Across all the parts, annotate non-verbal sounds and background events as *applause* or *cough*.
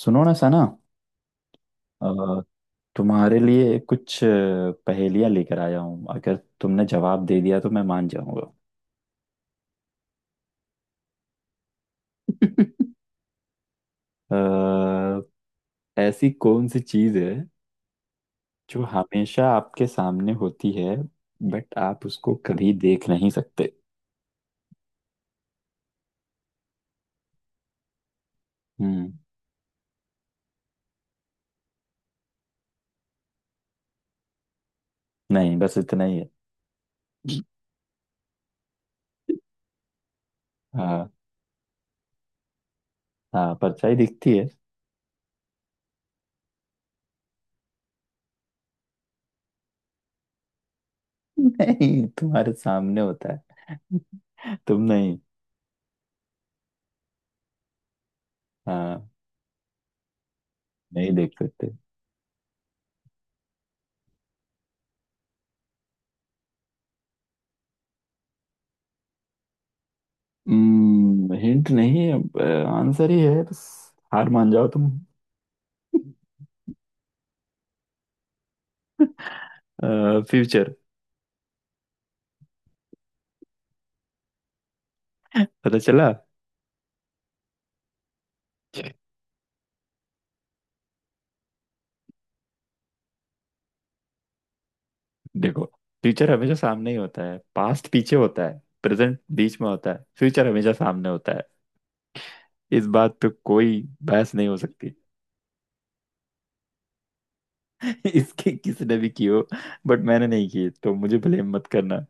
सुनो ना सना। अ, तुम्हारे लिए कुछ पहेलियां लेकर आया हूँ। अगर तुमने जवाब दे दिया तो मैं मान जाऊंगा। अ, ऐसी कौन सी चीज है जो हमेशा आपके सामने होती है बट आप उसको कभी देख नहीं सकते। हम्म। नहीं बस इतना ही है। हाँ, हाँ परछाई दिखती है। *laughs* नहीं, तुम्हारे सामने होता है, तुम नहीं। हाँ, नहीं देख सकते। हिंट नहीं अब, आंसर ही है बस। हार मान जाओ तुम। *laughs* फ्यूचर। पता चला। देखो, फ्यूचर हमेशा सामने ही होता है, पास्ट पीछे होता है, प्रेजेंट बीच में होता है, फ्यूचर हमेशा सामने होता है। इस बात पे कोई बहस नहीं हो सकती। *laughs* इसकी किसने भी की हो बट मैंने नहीं की, तो मुझे ब्लेम मत करना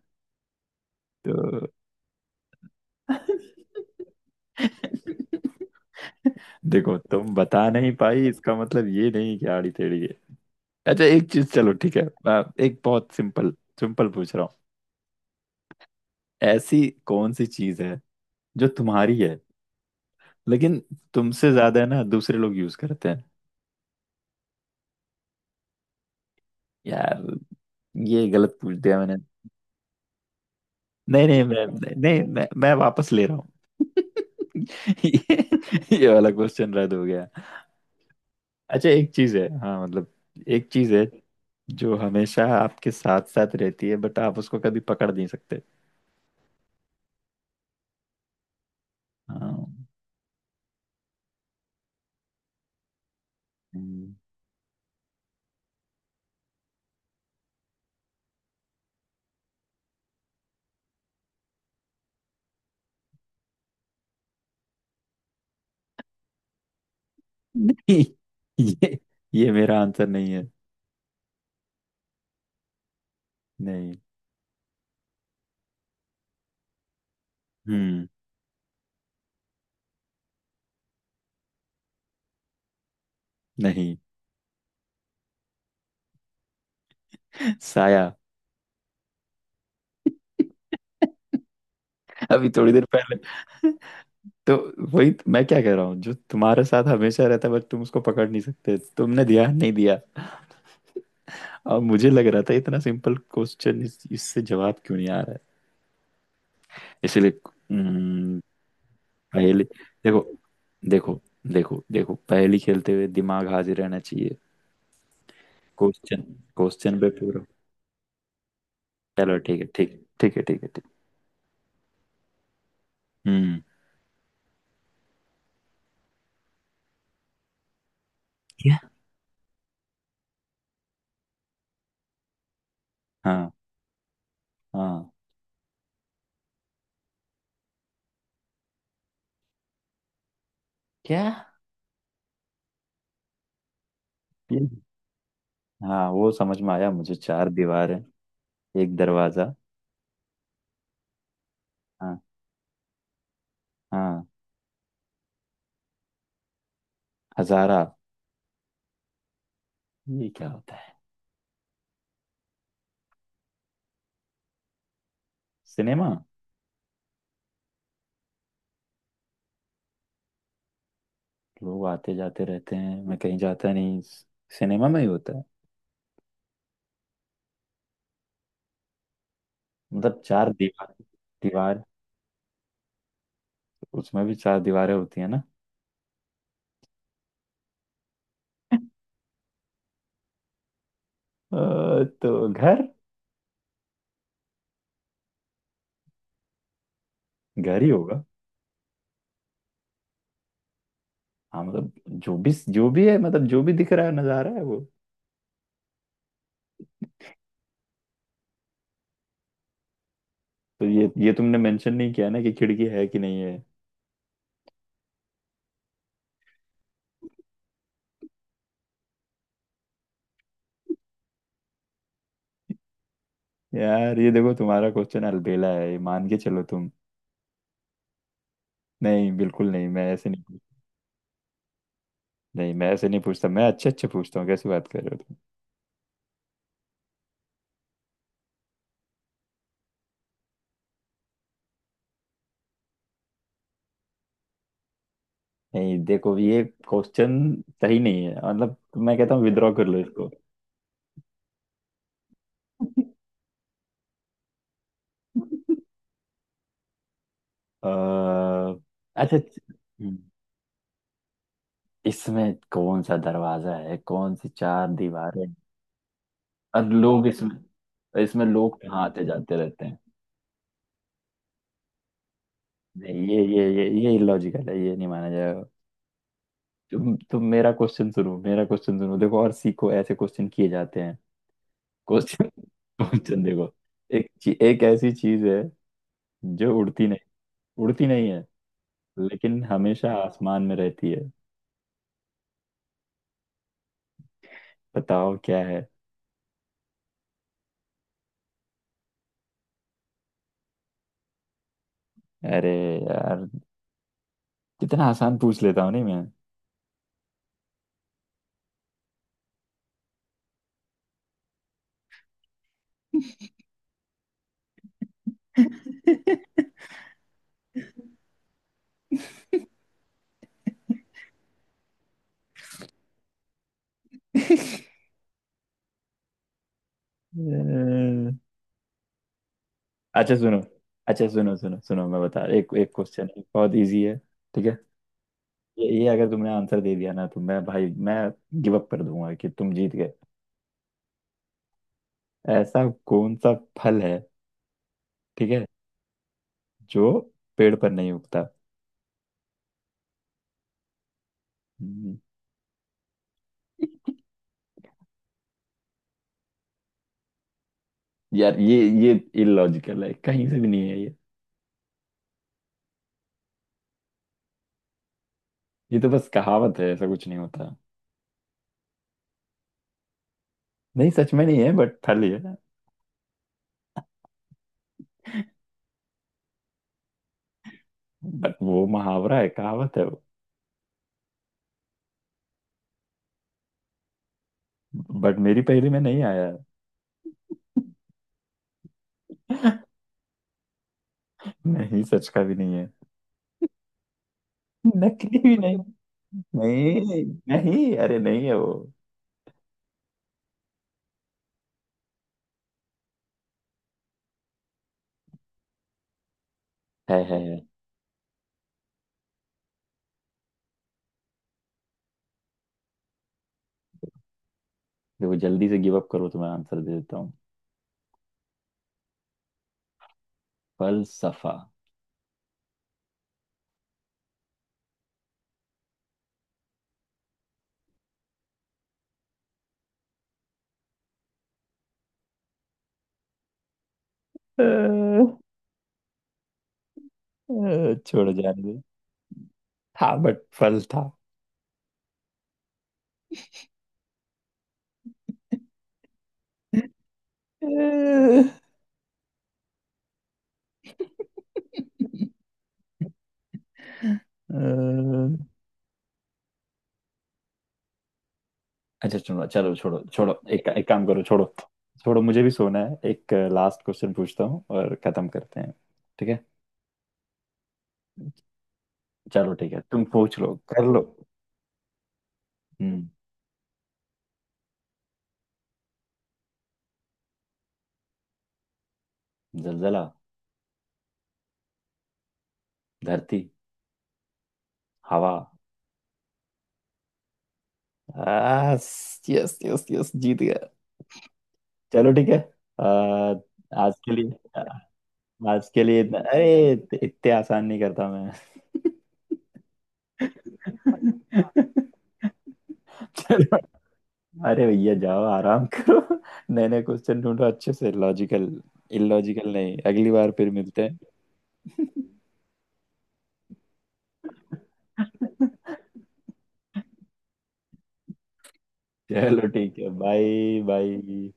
तो। *laughs* देखो, तुम बता नहीं पाई इसका मतलब ये नहीं कि आड़ी टेढ़ी। अच्छा एक चीज, चलो ठीक है। एक बहुत सिंपल, सिंपल पूछ रहा हूँ। ऐसी कौन सी चीज है जो तुम्हारी है लेकिन तुमसे ज्यादा है ना दूसरे लोग यूज करते हैं। यार, ये गलत पूछ दिया मैंने। नहीं नहीं मैं नहीं मैं, वापस ले रहा हूँ। *laughs* ये वाला क्वेश्चन रद्द हो गया। अच्छा एक चीज है, हाँ मतलब एक चीज है जो हमेशा आपके साथ साथ रहती है बट आप उसको कभी पकड़ नहीं सकते। हाँ। *laughs* हम्म। नहीं, ये ये मेरा आंसर नहीं है। नहीं। हम्म। नहीं। साया। अभी थोड़ी देर पहले तो, वही तो मैं क्या कह रहा हूँ, जो तुम्हारे साथ हमेशा रहता है बट तुम उसको पकड़ नहीं सकते। तुमने दिया नहीं, दिया। और मुझे लग रहा था इतना सिंपल क्वेश्चन, इससे जवाब क्यों नहीं आ रहा है, इसीलिए। हम्म, पहेली। देखो, देखो, देखो पहेली खेलते हुए दिमाग हाजिर रहना चाहिए। क्वेश्चन, क्वेश्चन पे पूरा। चलो, ठीक है ठीक है ठीक है ठीक है ठीक। हम्म। क्या? हाँ। हाँ। क्या? हाँ, वो समझ में आया मुझे, चार दीवार है, एक दरवाजा, हाँ, हाँ, हजारा। ये क्या होता है? सिनेमा। लोग आते जाते रहते हैं, मैं कहीं जाता नहीं, सिनेमा में ही होता है। मतलब चार दीवार, दीवार, उसमें भी चार दीवारें होती है ना। तो घर, घर ही होगा। हाँ मतलब जो भी, जो भी है, मतलब जो भी दिख रहा है नजारा है वो। तो ये, तुमने मेंशन नहीं किया ना कि खिड़की है कि नहीं है। यार, ये देखो तुम्हारा क्वेश्चन अलबेला है, ये मान के चलो तुम। नहीं बिल्कुल नहीं, मैं ऐसे नहीं। नहीं मैं ऐसे नहीं पूछता, मैं अच्छे अच्छे पूछता हूँ, कैसी बात कर रहे हो तुम। नहीं देखो, ये क्वेश्चन सही नहीं है, मतलब मैं कहता हूँ विद्रॉ कर लो इसको। *laughs* अह, अच्छा इसमें कौन सा दरवाजा है, कौन सी चार दीवारें हैं? और लोग इसमें, लोग कहाँ आते जाते रहते हैं? नहीं, ये इलॉजिकल है, ये नहीं माना जाएगा। तुम मेरा क्वेश्चन सुनो, मेरा क्वेश्चन सुनो, देखो और सीखो ऐसे क्वेश्चन किए जाते हैं। क्वेश्चन, क्वेश्चन देखो। एक ऐसी चीज है जो उड़ती नहीं, उड़ती नहीं है लेकिन हमेशा आसमान में रहती है। बताओ क्या है। अरे यार, कितना आसान पूछ लेता हूँ नहीं मैं। *laughs* अ, अच्छा सुनो, अच्छा सुनो सुनो सुनो, मैं बता एक एक क्वेश्चन है बहुत इजी है, ठीक है? ये, अगर तुमने आंसर दे दिया ना तो मैं, भाई मैं गिव अप कर दूंगा कि तुम जीत गए। ऐसा कौन सा फल है, ठीक है, जो पेड़ पर नहीं उगता। यार, ये इलॉजिकल है, कहीं से भी नहीं है ये। ये तो बस कहावत है, ऐसा कुछ नहीं होता। नहीं सच में नहीं है बट फली है। बट वो मुहावरा है, कहावत है वो। बट मेरी पहेली में नहीं आया। नहीं सच का भी नहीं है। नकली भी नहीं। नहीं, नहीं, अरे नहीं है वो। है, है, है। देखो, जल्दी से गिव अप करो तो मैं आंसर दे देता हूँ। फलसफा। अ, अ, छोड़, जाने दे। हाँ बट फल था। अ, अ, अच्छा चलो चलो, छोड़ो छोड़ो, एक एक काम करो, छोड़ो। छोड़ो, मुझे भी सोना है, एक लास्ट क्वेश्चन पूछता हूँ और खत्म करते हैं, ठीक है? चलो ठीक है, तुम पूछ लो, कर लो। हम्म। जलजला। धरती। हवा। यस, यस यस यस, जीत गया। चलो ठीक है। आ, आज के लिए, आज के लिए इतना, अरे इतने आसान नहीं करता मैं। *laughs* चलो, अरे भैया जाओ आराम करो। *laughs* नए नए क्वेश्चन ढूंढो, अच्छे से लॉजिकल, इलॉजिकल नहीं। अगली बार फिर मिलते हैं। *laughs* चलो ठीक है, बाय, बाय।